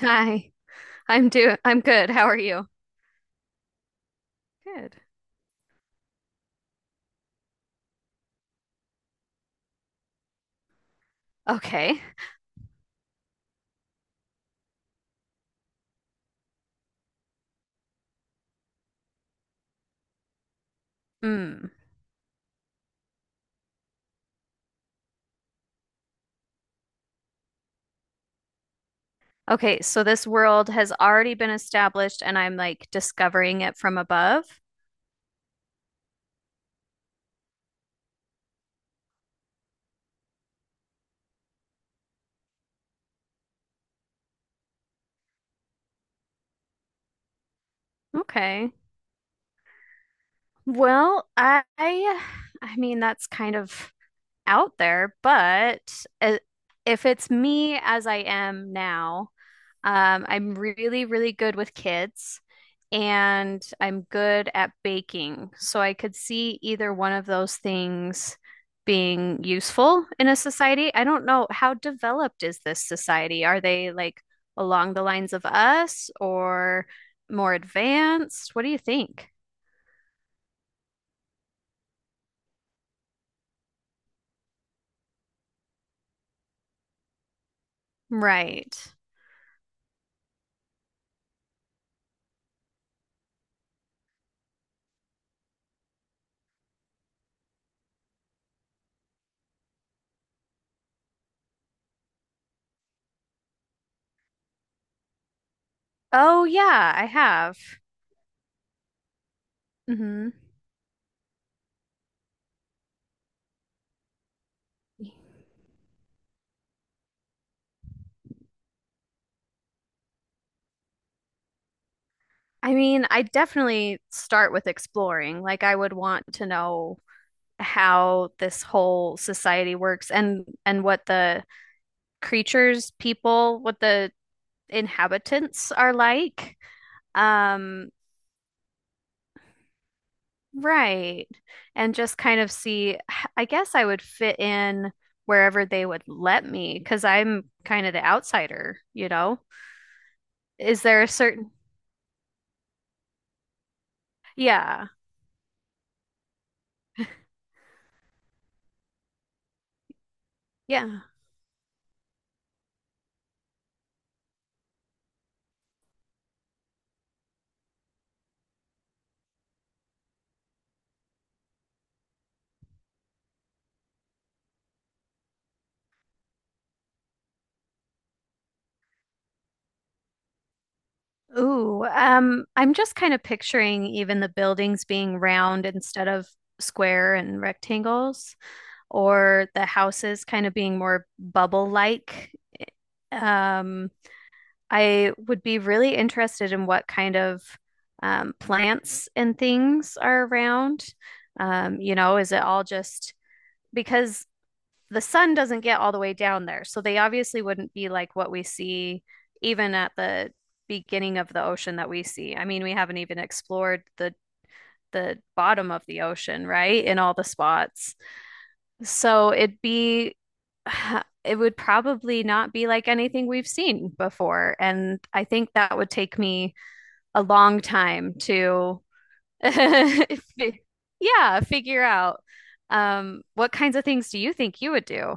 Hi, I'm good. How are you? Good. Okay. Mm. Okay, so this world has already been established and I'm like discovering it from above. Okay. Well, I mean that's kind of out there, but if it's me as I am now, I'm really, really good with kids and I'm good at baking. So I could see either one of those things being useful in a society. I don't know, how developed is this society? Are they like along the lines of us or more advanced? What do you think? Right. Oh, yeah, I have. Hmm. I mean, I definitely start with exploring. Like, I would want to know how this whole society works and what the creatures, people, what the inhabitants are like. Um, right. And just kind of see, I guess I would fit in wherever they would let me because I'm kind of the outsider, you know? Is there a certain, yeah, yeah. Ooh, I'm just kind of picturing even the buildings being round instead of square and rectangles, or the houses kind of being more bubble-like. Um, I would be really interested in what kind of plants and things are around. You know, is it all just because the sun doesn't get all the way down there? So they obviously wouldn't be like what we see even at the beginning of the ocean that we see. I mean, we haven't even explored the bottom of the ocean, right? In all the spots. So it'd be, it would probably not be like anything we've seen before. And I think that would take me a long time to, fi- yeah, figure out. What kinds of things do you think you would do?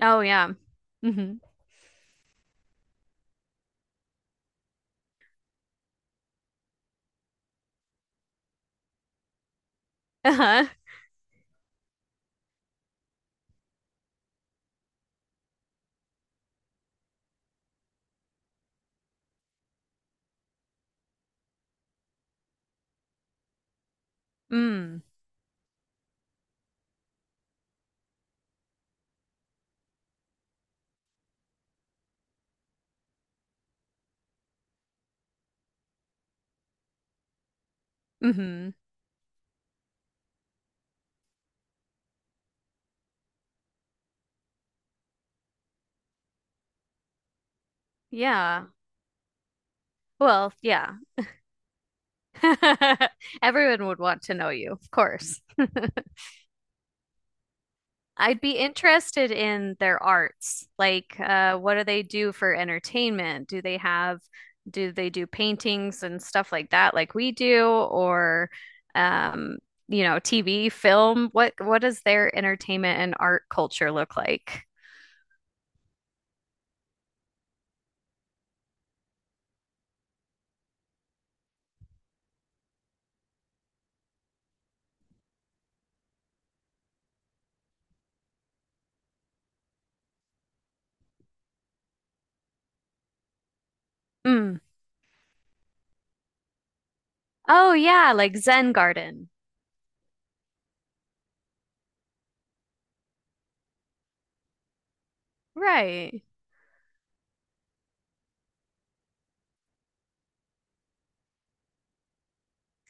Oh, yeah. Mm-hmm. Uh-huh. Mm. Mm-hmm. Yeah. Well, yeah. Everyone would want to know you, of course. I'd be interested in their arts. Like, what do they do for entertainment? Do they have, do they do paintings and stuff like that, like we do, or, um, you know, TV, film? What does their entertainment and art culture look like? Mm. Oh yeah, like Zen Garden. Right.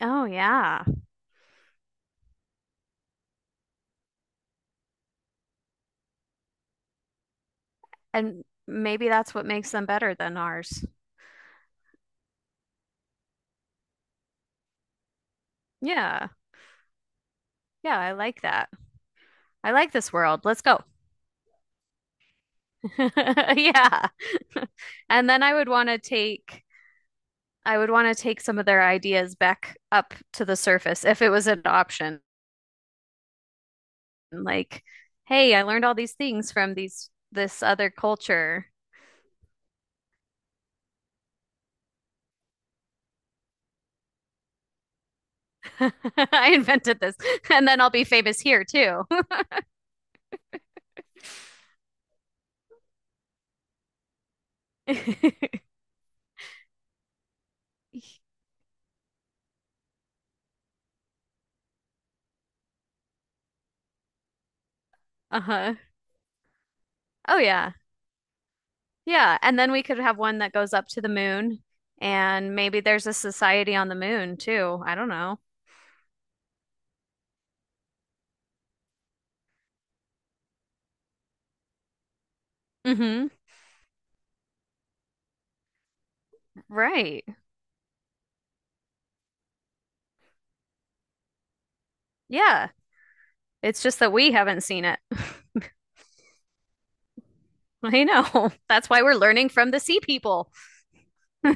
Oh yeah. And maybe that's what makes them better than ours. Yeah. Yeah, I like that. I like this world. Let's go. Yeah. And then I would want to take some of their ideas back up to the surface if it was an option. Like, hey, I learned all these things from these this other culture. I invented this. And then I'll be famous here too. Uh-huh. Oh yeah. Yeah, and then we could have one that goes up to the moon and maybe there's a society on the moon too. I don't know. Mm-hmm. Right. Yeah. It's just that we haven't seen it. I know. That's why we're learning from the sea people. May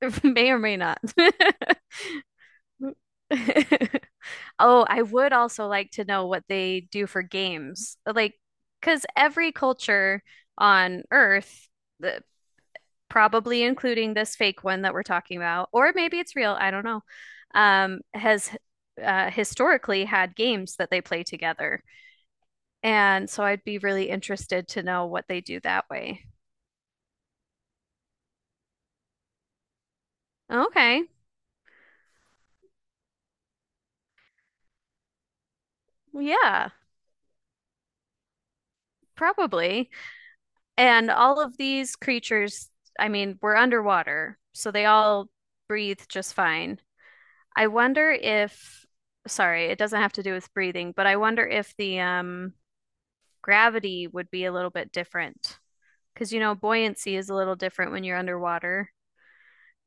or may not. Oh, I would also like to know what they do for games. Like, because every culture on Earth, the, probably including this fake one that we're talking about, or maybe it's real, I don't know, has historically had games that they play together. And so I'd be really interested to know what they do that way. Okay. Yeah, probably. And all of these creatures, I mean, were underwater, so they all breathe just fine. I wonder if, sorry, it doesn't have to do with breathing, but I wonder if the gravity would be a little bit different. Because, you know, buoyancy is a little different when you're underwater.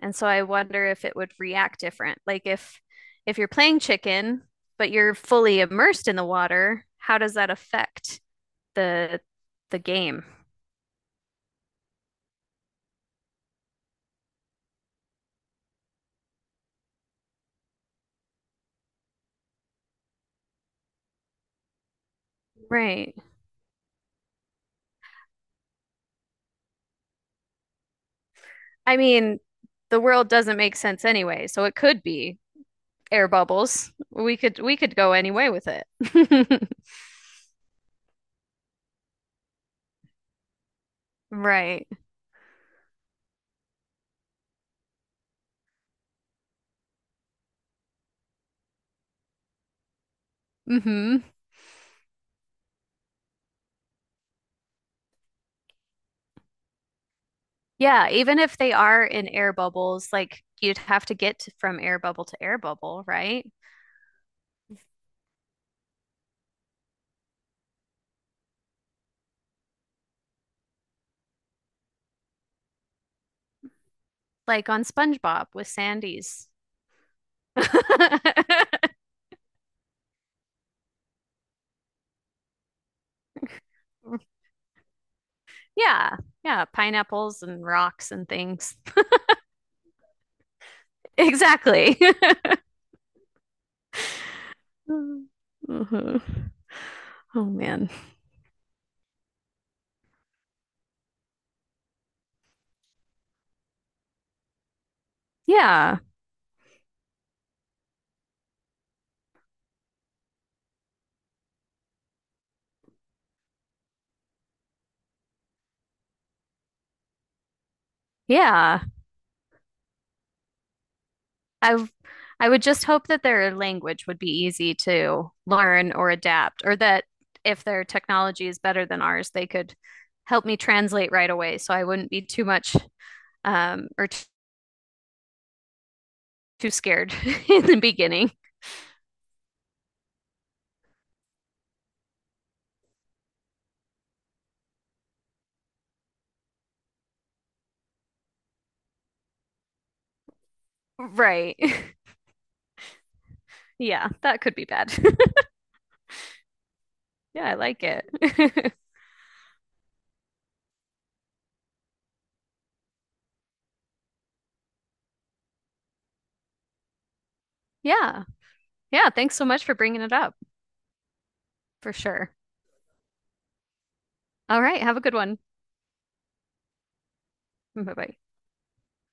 And so I wonder if it would react different. Like, if you're playing chicken, but you're fully immersed in the water, how does that affect the the game? Right. I mean, the world doesn't make sense anyway, so it could be air bubbles. We could go any way with it. Right. Hmm. Yeah, even if they are in air bubbles, like you'd have to get to, from air bubble to air bubble, right? Like on SpongeBob with Sandy's. Yeah, yeah, pineapples and rocks and things. Exactly. Mhm. Oh man. Yeah. Yeah. I w- I would just hope that their language would be easy to learn or adapt, or that if their technology is better than ours, they could help me translate right away, so I wouldn't be too much or t too scared in the beginning. Right. Yeah, that could be bad. Yeah, I like it. Yeah. Yeah, thanks so much for bringing it up, for sure. All right, have a good one. Bye-bye.